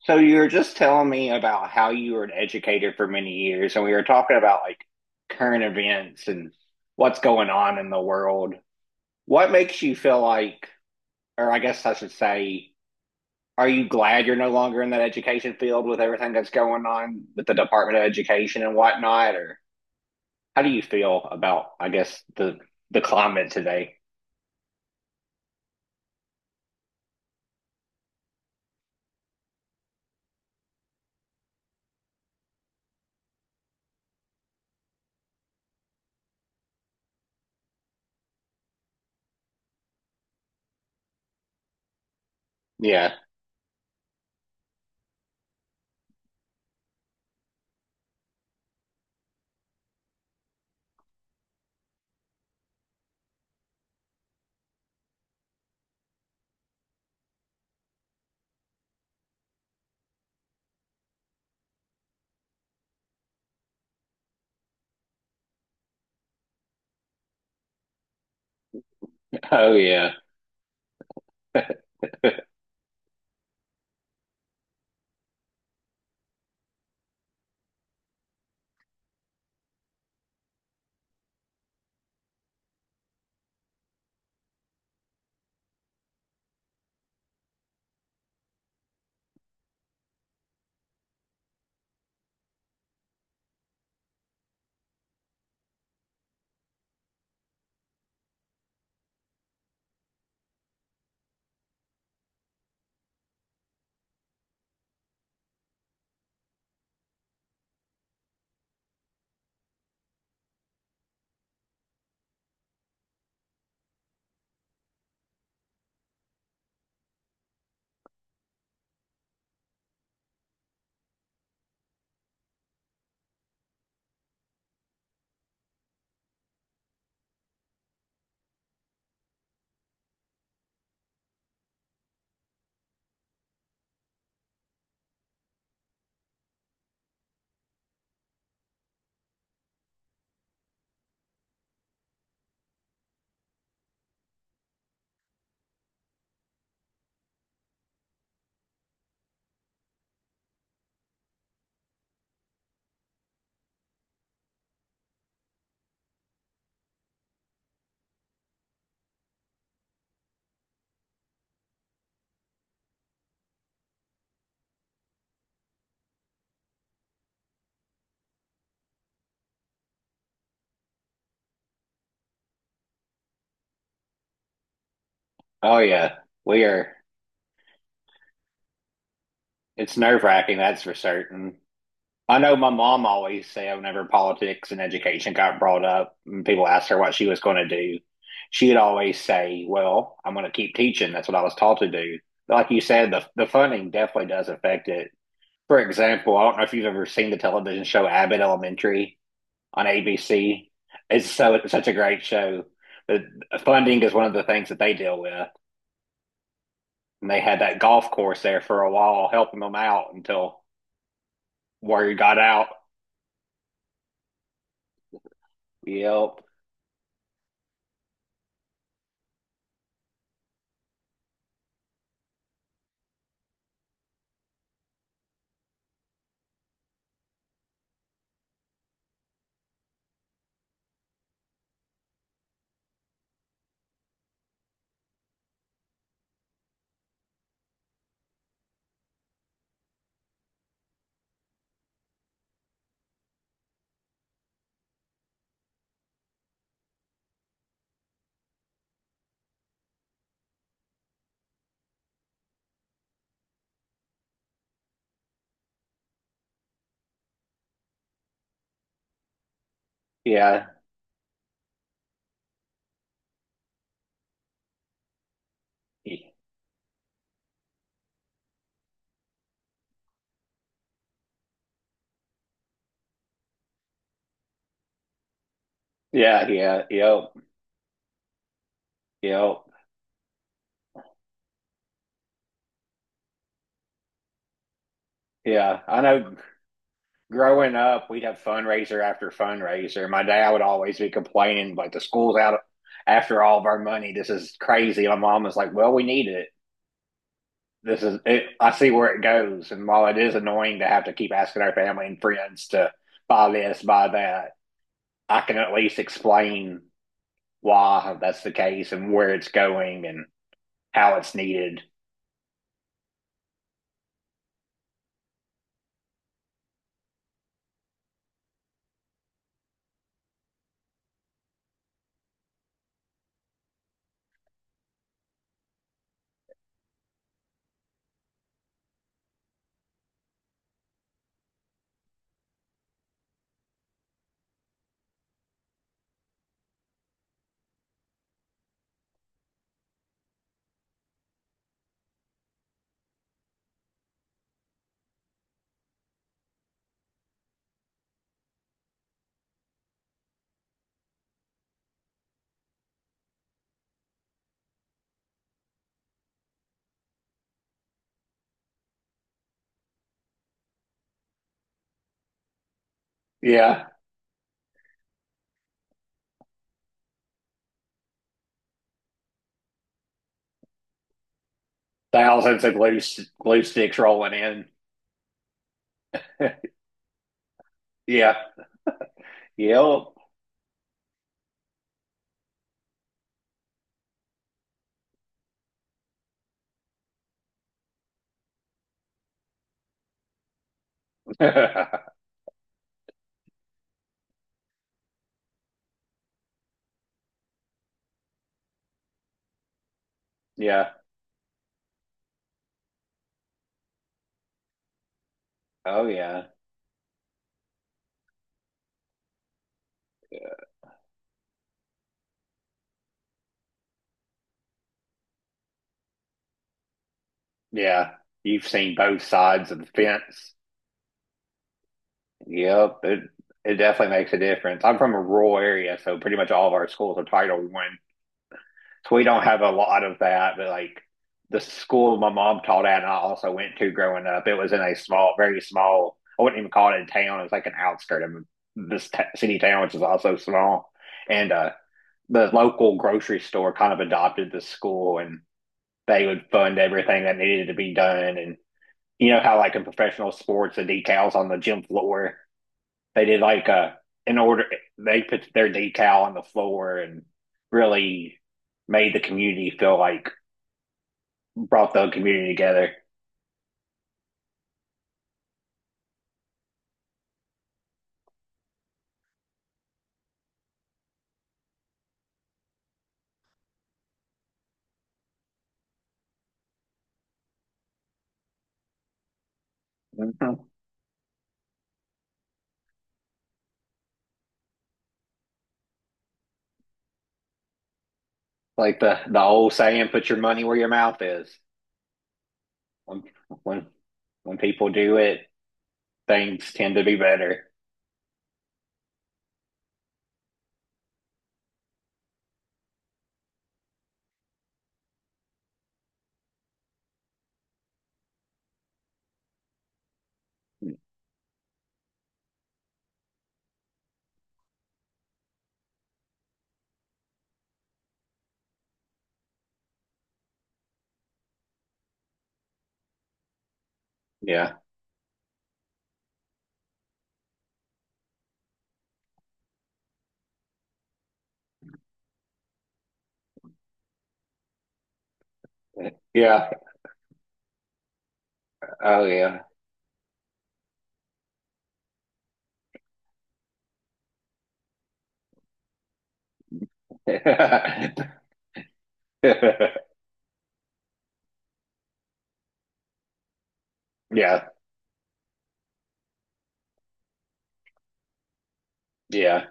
So you were just telling me about how you were an educator for many years, and we were talking about like current events and what's going on in the world. What makes you feel like, or I guess I should say, are you glad you're no longer in that education field with everything that's going on with the Department of Education and whatnot? Or how do you feel about, I guess, the climate today? Yeah. Oh yeah. Oh yeah. We are, it's nerve-wracking, that's for certain. I know my mom always said whenever politics and education got brought up and people asked her what she was going to do, she'd always say, well, I'm going to keep teaching. That's what I was taught to do. Like you said, the funding definitely does affect it. For example, I don't know if you've ever seen the television show Abbott Elementary on ABC. It's such a great show. The funding is one of the things that they deal with. And they had that golf course there for a while, helping them out until word got out. Yep. Yeah. Yeah, yeah, yep, yep, yeah. I know growing up, we'd have fundraiser after fundraiser. My dad would always be complaining, like, the school's out after all of our money. This is crazy. My mom was like, well, we need it. This is it. I see where it goes. And while it is annoying to have to keep asking our family and friends to buy this, buy that, I can at least explain why that's the case and where it's going and how it's needed. Yeah. Thousands of glue sticks rolling in. Yeah. Yep. Yeah. Oh yeah. Yeah. You've seen both sides of the fence. Yep. It definitely makes a difference. I'm from a rural area, so pretty much all of our schools are Title One. So we don't have a lot of that, but like the school my mom taught at and I also went to growing up, it was in a small, very small, I wouldn't even call it a town. It's like an outskirt of this t city town, which is also small. And the local grocery store kind of adopted the school and they would fund everything that needed to be done. And you know how like in professional sports, the decals on the gym floor, they did like a in order they put their decal on the floor and really made the community feel like brought the community together. Mm-hmm. Like the old saying, "Put your money where your mouth is." When when when people do it, things tend to be better. Yeah, yeah, oh yeah, yeah, yeah.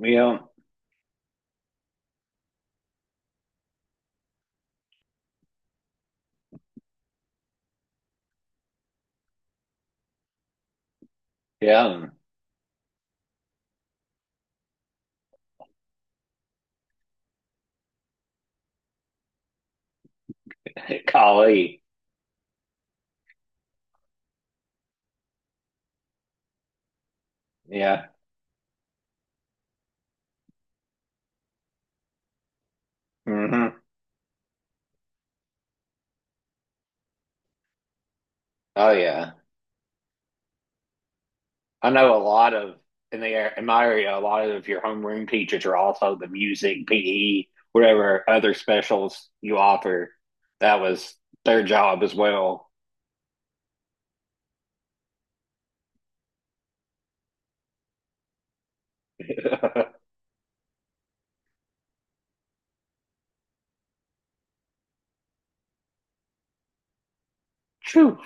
You know, yeah. Golly. Yeah. Hmm. Oh, yeah. I know a lot of in my area, a lot of your homeroom teachers are also the music, PE, whatever other specials you offer. That was their job as well. Phew.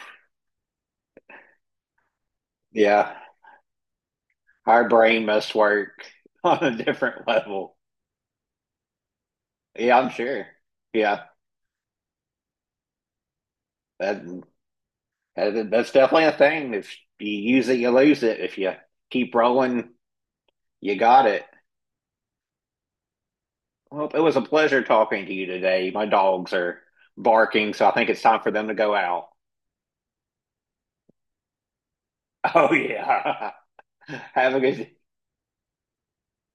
Yeah. Our brain must work on a different level. Yeah, I'm sure. Yeah. That, that that's definitely a thing. If you use it, you lose it. If you keep rolling, you got it. Well, it was a pleasure talking to you today. My dogs are barking, so I think it's time for them to go out. Oh, yeah. Have a good day.